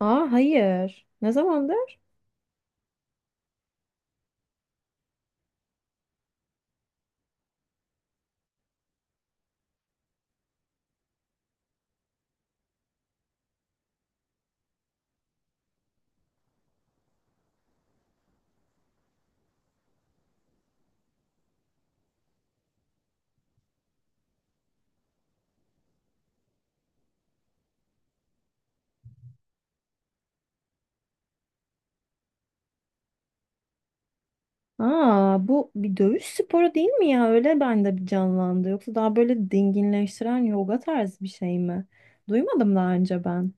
Aa, hayır. Ne zamandır? Aa, bu bir dövüş sporu değil mi ya? Öyle bende bir canlandı. Yoksa daha böyle dinginleştiren yoga tarzı bir şey mi? Duymadım daha önce ben.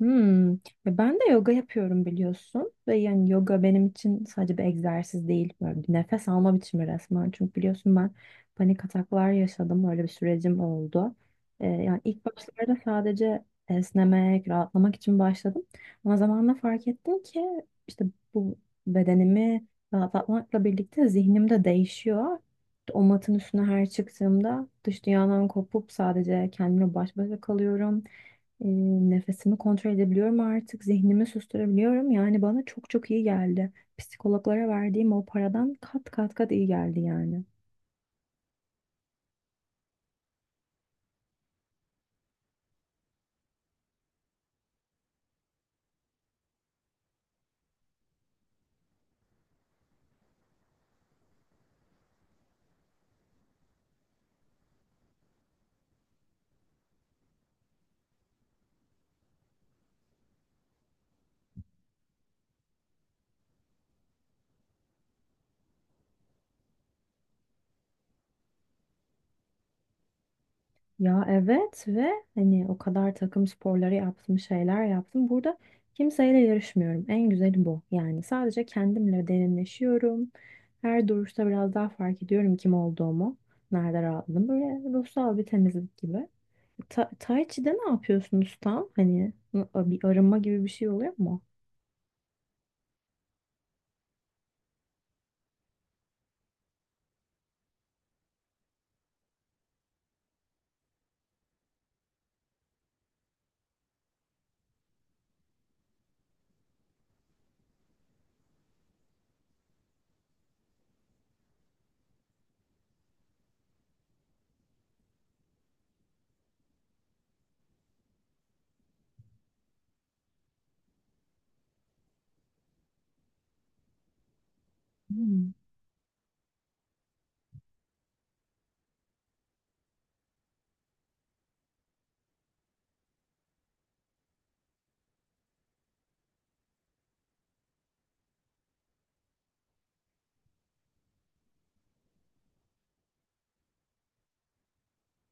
Hmm. Ya ben de yoga yapıyorum biliyorsun ve yani yoga benim için sadece bir egzersiz değil, böyle bir nefes alma biçimi resmen. Çünkü biliyorsun ben panik ataklar yaşadım, öyle bir sürecim oldu. Yani ilk başlarda sadece esnemek, rahatlamak için başladım. Ama zamanla fark ettim ki işte bu bedenimi rahatlatmakla birlikte zihnim de değişiyor. O matın üstüne her çıktığımda dış dünyadan kopup sadece kendimle baş başa kalıyorum. E, Nefesimi kontrol edebiliyorum artık. Zihnimi susturabiliyorum. Yani bana çok çok iyi geldi. Psikologlara verdiğim o paradan kat kat kat iyi geldi yani. Ya evet, ve hani o kadar takım sporları yaptım, şeyler yaptım. Burada kimseyle yarışmıyorum. En güzeli bu. Yani sadece kendimle derinleşiyorum. Her duruşta biraz daha fark ediyorum kim olduğumu. Nerede rahatladım. Böyle ruhsal bir temizlik gibi. Tai Chi'de ne yapıyorsunuz tam? Hani bir arınma gibi bir şey oluyor mu? Hmm.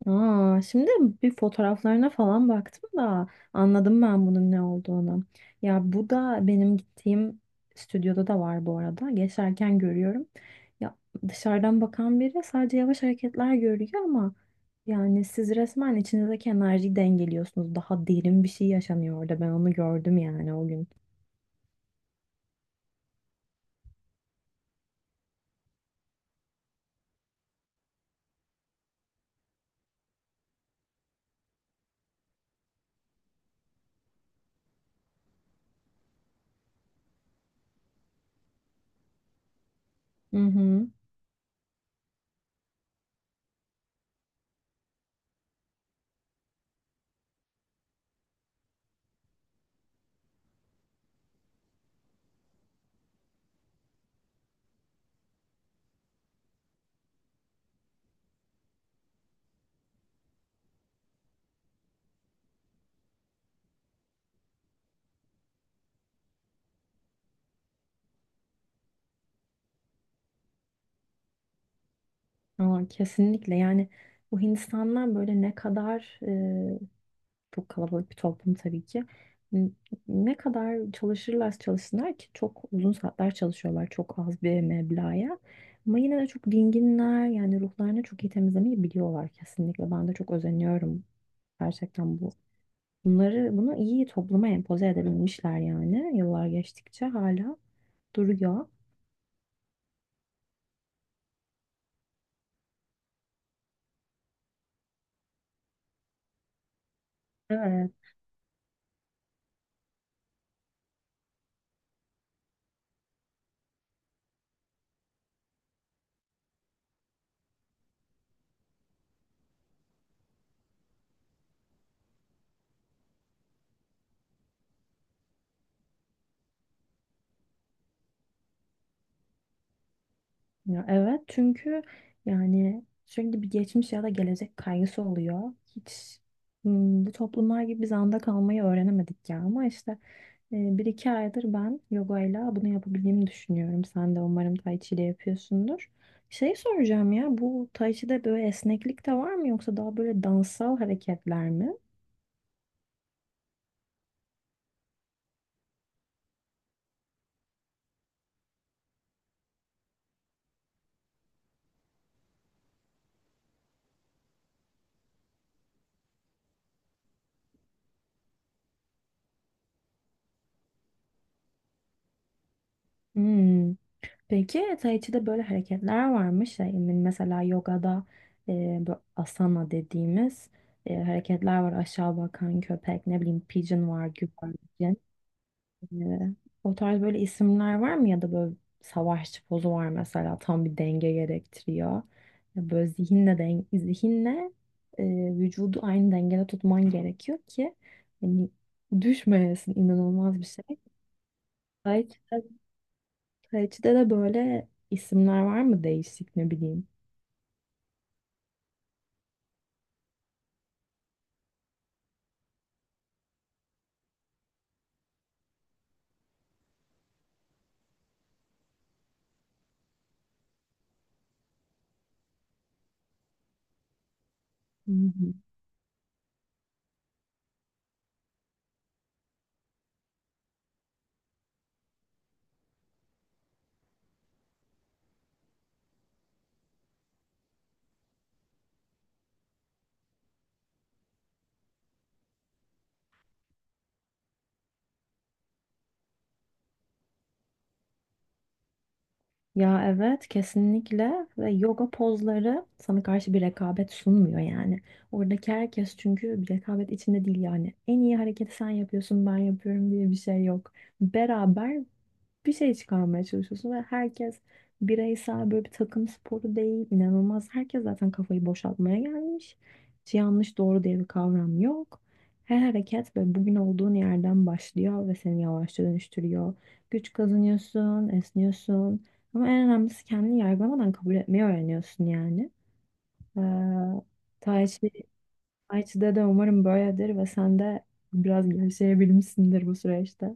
Aa, şimdi bir fotoğraflarına falan baktım da anladım ben bunun ne olduğunu. Ya bu da benim gittiğim stüdyoda da var bu arada. Geçerken görüyorum. Ya dışarıdan bakan biri sadece yavaş hareketler görüyor ama yani siz resmen içinizdeki enerjiyi dengeliyorsunuz. Daha derin bir şey yaşanıyor orada. Ben onu gördüm yani o gün. Hı hı. Aa, kesinlikle yani bu Hindistanlar böyle ne kadar çok kalabalık bir toplum tabii ki. N- Ne kadar çalışırlarsa çalışsınlar ki, çok uzun saatler çalışıyorlar çok az bir meblağa. Ama yine de çok dinginler, yani ruhlarını çok iyi temizlemeyi biliyorlar kesinlikle. Ben de çok özeniyorum gerçekten bu. Bunları bunu iyi topluma empoze edebilmişler, yani yıllar geçtikçe hala duruyor. Evet. Ya evet, çünkü yani sürekli bir geçmiş ya da gelecek kaygısı oluyor. Hiç bu toplumlar gibi biz anda kalmayı öğrenemedik ya, ama işte bir iki aydır ben yogayla bunu yapabildiğimi düşünüyorum. Sen de umarım tai chi ile yapıyorsundur. Şey soracağım, ya bu tai chi'de böyle esneklik de var mı, yoksa daha böyle dansal hareketler mi? Hmm. Peki Tai Chi'de böyle hareketler varmış. Yani mesela yogada bu asana dediğimiz hareketler var. Aşağı bakan köpek, ne bileyim pigeon var, güvercin. E, O tarz böyle isimler var mı? Ya da böyle savaşçı pozu var mesela. Tam bir denge gerektiriyor. Ya böyle zihinle e, vücudu aynı dengede tutman gerekiyor ki hani düşmeyesin, inanılmaz bir şey. Tai Chi Kaleci'de de böyle isimler var mı, değişik ne bileyim. Hı hı. Ya evet, kesinlikle, ve yoga pozları sana karşı bir rekabet sunmuyor yani. Oradaki herkes çünkü bir rekabet içinde değil yani. En iyi hareketi sen yapıyorsun, ben yapıyorum diye bir şey yok. Beraber bir şey çıkarmaya çalışıyorsun ve herkes bireysel, böyle bir takım sporu değil, inanılmaz. Herkes zaten kafayı boşaltmaya gelmiş. Hiç yanlış doğru diye bir kavram yok. Her hareket böyle bugün olduğun yerden başlıyor ve seni yavaşça dönüştürüyor. Güç kazanıyorsun, esniyorsun. Ama en önemlisi kendini yargılamadan kabul etmeyi öğreniyorsun yani. Ee, Tai Chi IT'de da umarım böyledir ve sen de biraz gevşeyebilmişsindir bu süreçte.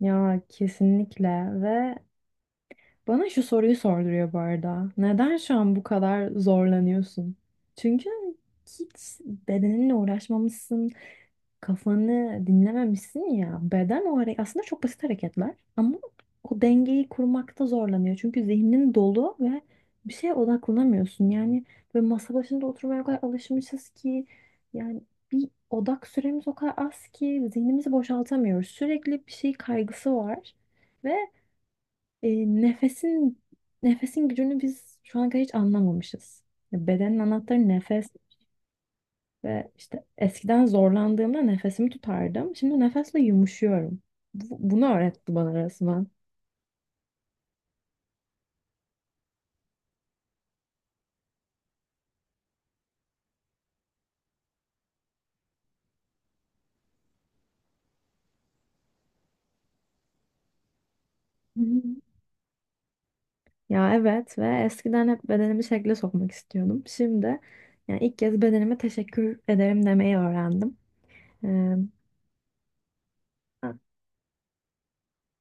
Ya kesinlikle, ve bana şu soruyu sorduruyor bu arada. Neden şu an bu kadar zorlanıyorsun? Çünkü hiç bedeninle uğraşmamışsın, kafanı dinlememişsin ya. Beden o hareket, aslında çok basit hareketler ama o dengeyi kurmakta zorlanıyor. Çünkü zihnin dolu ve bir şeye odaklanamıyorsun. Yani ve masa başında oturmaya o kadar alışmışız ki yani bir odak süremiz o kadar az ki zihnimizi boşaltamıyoruz. Sürekli bir şey kaygısı var ve e, nefesin nefesin gücünü biz şu ana kadar hiç anlamamışız. Ya bedenin anahtarı nefes. Ve işte eskiden zorlandığımda nefesimi tutardım. Şimdi nefesle yumuşuyorum. Bunu öğretti bana resmen. Hı hı. Ya evet, ve eskiden hep bedenimi şekle sokmak istiyordum. Şimdi yani ilk kez bedenime teşekkür ederim demeyi öğrendim. Ee, a-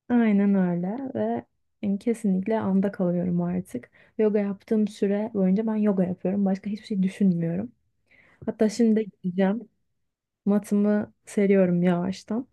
aynen öyle ve yani kesinlikle anda kalıyorum artık. Yoga yaptığım süre boyunca ben yoga yapıyorum. Başka hiçbir şey düşünmüyorum. Hatta şimdi gideceğim. Matımı seriyorum yavaştan.